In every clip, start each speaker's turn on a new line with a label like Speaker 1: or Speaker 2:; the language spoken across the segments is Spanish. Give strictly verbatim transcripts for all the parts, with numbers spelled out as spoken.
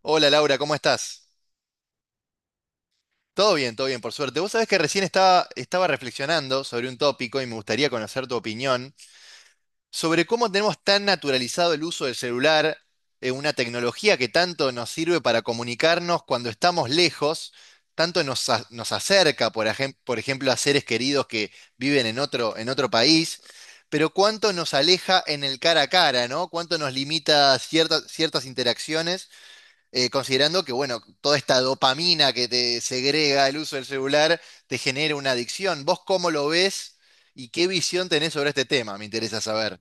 Speaker 1: Hola Laura, ¿cómo estás? Todo bien, todo bien, por suerte. Vos sabés que recién estaba, estaba reflexionando sobre un tópico y me gustaría conocer tu opinión sobre cómo tenemos tan naturalizado el uso del celular, eh, una tecnología que tanto nos sirve para comunicarnos cuando estamos lejos, tanto nos, a- nos acerca, por, ejem- por ejemplo, a seres queridos que viven en otro, en otro país, pero cuánto nos aleja en el cara a cara, ¿no? Cuánto nos limita ciertas, ciertas interacciones. Eh, considerando que, bueno, toda esta dopamina que te segrega el uso del celular te genera una adicción. ¿Vos cómo lo ves y qué visión tenés sobre este tema? Me interesa saber.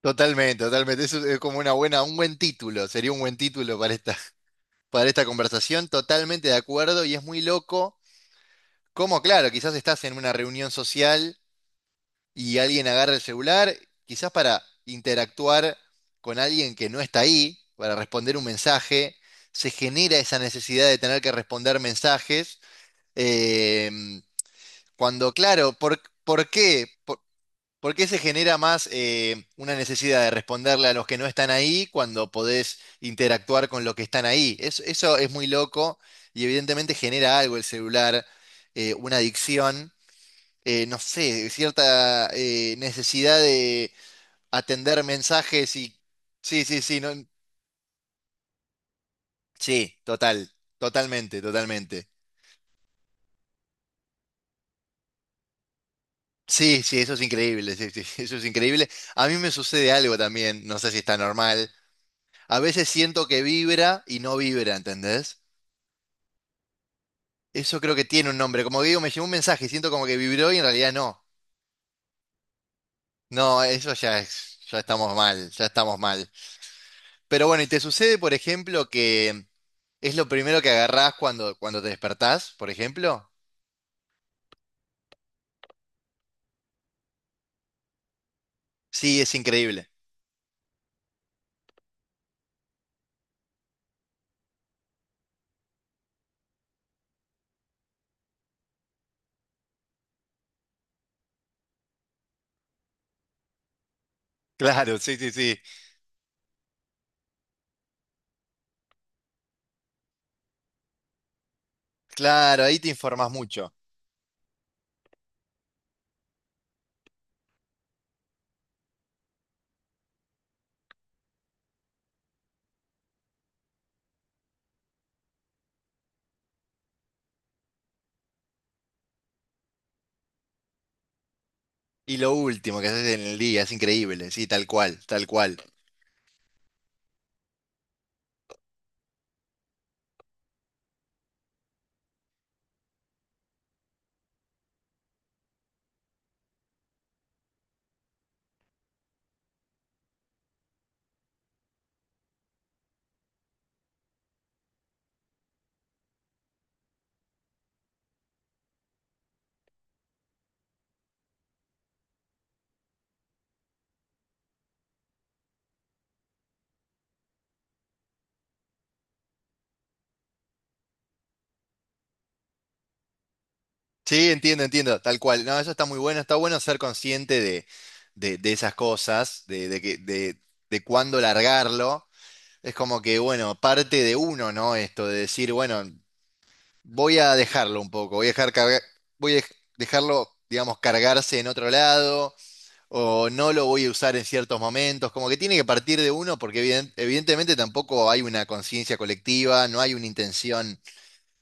Speaker 1: Totalmente, totalmente. Eso es como una buena, un buen título. Sería un buen título para esta, para esta conversación. Totalmente de acuerdo y es muy loco. Como, claro, quizás estás en una reunión social y alguien agarra el celular, quizás para interactuar con alguien que no está ahí, para responder un mensaje, se genera esa necesidad de tener que responder mensajes, eh, cuando claro, ¿por, por qué? Por, Por qué se genera más eh, una necesidad de responderle a los que no están ahí cuando podés interactuar con los que están ahí? Es- eso es muy loco y evidentemente genera algo el celular, eh, una adicción eh, no sé, cierta eh, necesidad de atender mensajes y... Sí, sí, sí, no, sí, total, totalmente, totalmente. Sí, sí, eso es increíble, sí, sí, eso es increíble. A mí me sucede algo también, no sé si está normal. A veces siento que vibra y no vibra, ¿entendés? Eso creo que tiene un nombre. Como que digo, me llegó un mensaje y siento como que vibró y en realidad no. No, eso ya es, ya estamos mal, ya estamos mal. Pero bueno, ¿y te sucede, por ejemplo, que ¿es lo primero que agarrás cuando, cuando te despertás, por ejemplo? Sí, es increíble. Claro, sí, sí, sí. Claro, ahí te informás mucho. Y lo último que haces en el día, es increíble, sí, tal cual, tal cual. Sí, entiendo, entiendo, tal cual. No, eso está muy bueno, está bueno ser consciente de, de, de esas cosas, de, de, que- de, de cuándo largarlo. Es como que, bueno, parte de uno, ¿no? Esto de decir, bueno, voy a dejarlo un poco, voy a dejar carga- voy a dej- dejarlo, digamos, cargarse en otro lado o no lo voy a usar en ciertos momentos, como que tiene que partir de uno porque eviden- evidentemente tampoco hay una conciencia colectiva, no hay una intención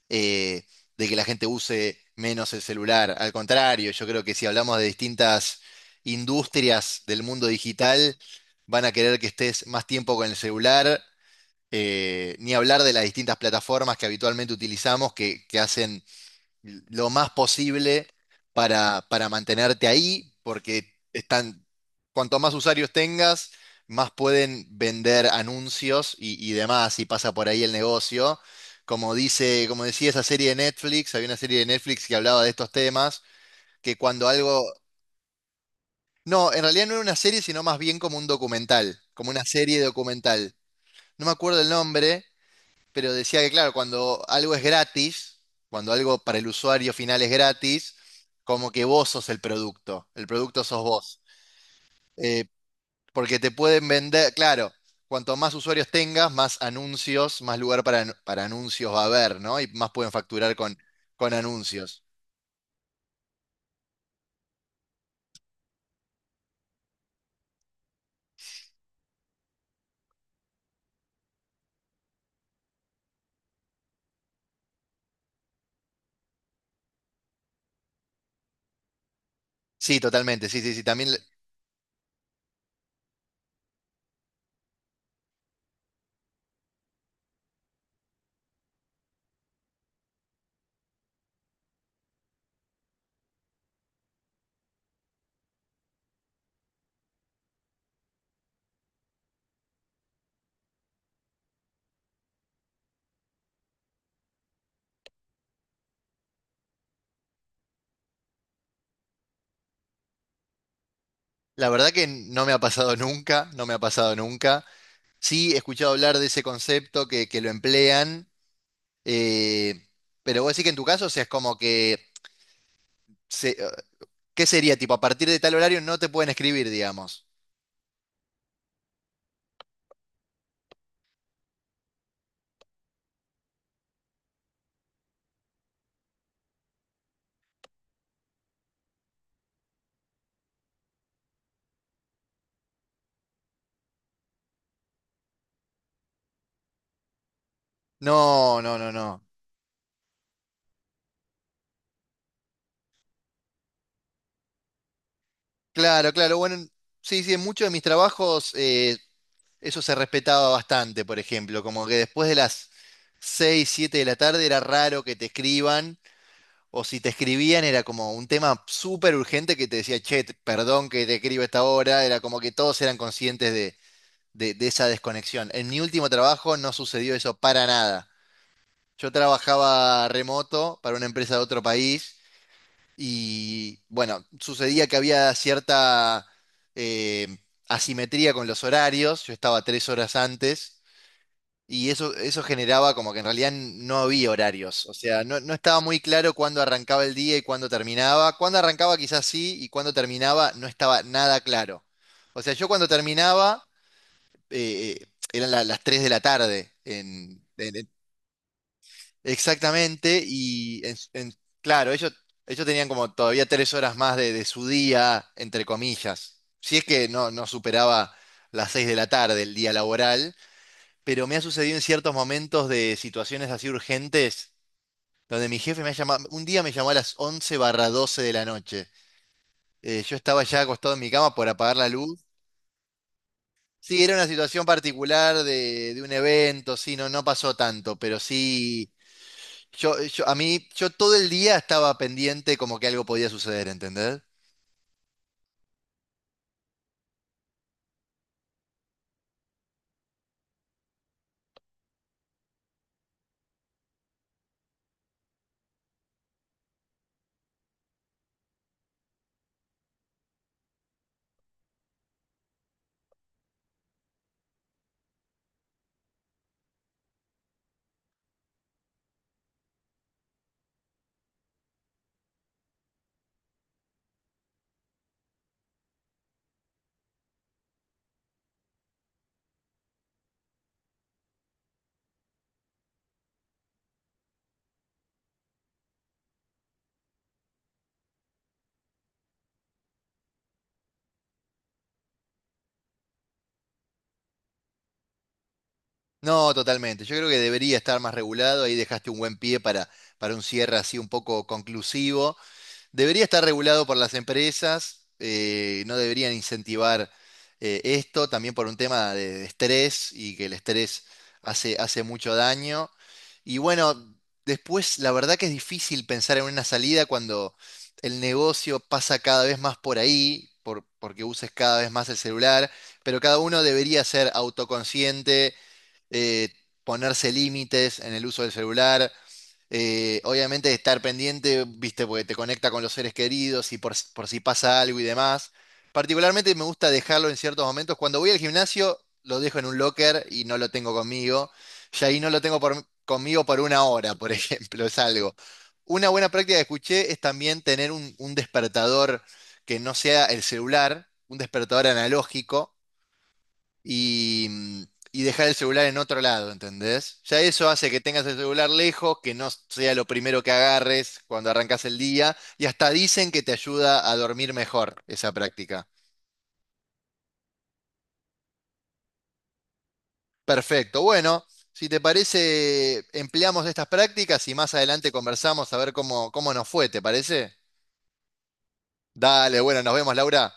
Speaker 1: eh, de que la gente use menos el celular. Al contrario, yo creo que si hablamos de distintas industrias del mundo digital, van a querer que estés más tiempo con el celular, eh, ni hablar de las distintas plataformas que habitualmente utilizamos que, que hacen lo más posible para, para mantenerte ahí, porque están, cuanto más usuarios tengas, más pueden vender anuncios y, y demás, y pasa por ahí el negocio. Como dice, como decía esa serie de Netflix, había una serie de Netflix que hablaba de estos temas, que cuando algo... No, en realidad no era una serie, sino más bien como un documental, como una serie documental. No me acuerdo el nombre, pero decía que, claro, cuando algo es gratis, cuando algo para el usuario final es gratis, como que vos sos el producto, el producto sos vos. Eh, Porque te pueden vender, claro, cuanto más usuarios tengas, más anuncios, más lugar para, anu- para anuncios va a haber, ¿no? Y más pueden facturar con, con anuncios. Sí, totalmente, sí, sí, sí. También, la la verdad que no me ha pasado nunca, no me ha pasado nunca. Sí, he escuchado hablar de ese concepto que, que lo emplean, eh, pero vos decís que en tu caso, o sea, es como que se- eh, ¿qué sería? Tipo, a partir de tal horario no te pueden escribir, digamos. No, no, no, no. Claro, claro. Bueno, sí, sí, en muchos de mis trabajos eh, eso se respetaba bastante, por ejemplo. Como que después de las seis, siete de la tarde era raro que te escriban. O si te escribían era como un tema súper urgente que te decía, che, te- perdón que te escribo a esta hora. Era como que todos eran conscientes de, de de esa desconexión. En mi último trabajo no sucedió eso para nada. Yo trabajaba remoto para una empresa de otro país y bueno, sucedía que había cierta eh, asimetría con los horarios. Yo estaba tres horas antes y eso, eso generaba como que en realidad no había horarios. O sea, no, no estaba muy claro cuándo arrancaba el día y cuándo terminaba. Cuándo arrancaba quizás sí y cuándo terminaba no estaba nada claro. O sea, yo cuando terminaba eh, eh, eran la- las tres de la tarde en en Exactamente, y en- en- claro, ellos, ellos tenían como todavía tres horas más de, de su día, entre comillas. Si es que no, no superaba las seis de la tarde el día laboral, pero me ha sucedido en ciertos momentos de situaciones así urgentes, donde mi jefe me ha llamado, un día me llamó a las once barra doce de la noche. Eh, yo estaba ya acostado en mi cama por apagar la luz. Sí, era una situación particular de, de un evento, sí, no, no pasó tanto, pero sí. Yo, yo, a mí, yo todo el día estaba pendiente como que algo podía suceder, ¿entendés? No, totalmente. Yo creo que debería estar más regulado. Ahí dejaste un buen pie para, para un cierre así un poco conclusivo. Debería estar regulado por las empresas, eh, no deberían incentivar eh, esto, también por un tema de, de estrés y que el estrés hace, hace mucho daño. Y bueno, después la verdad que es difícil pensar en una salida cuando el negocio pasa cada vez más por ahí, por- porque uses cada vez más el celular, pero cada uno debería ser autoconsciente, eh, ponerse límites en el uso del celular. Eh, obviamente estar pendiente, viste, porque te conecta con los seres queridos y por, s- por si pasa algo y demás. Particularmente me gusta dejarlo en ciertos momentos. Cuando voy al gimnasio, lo dejo en un locker y no lo tengo conmigo. Y ahí no lo tengo por- conmigo por una hora, por ejemplo, es algo. Una buena práctica que escuché es también tener un, un despertador que no sea el celular, un despertador analógico y, mm, y dejar el celular en otro lado, ¿entendés? Ya eso hace que tengas el celular lejos, que no sea lo primero que agarres cuando arrancas el día, y hasta dicen que te ayuda a dormir mejor esa práctica. Perfecto, bueno, si te parece, empleamos estas prácticas y más adelante conversamos a ver cómo, cómo nos fue, ¿te parece? Dale, bueno, nos vemos, Laura.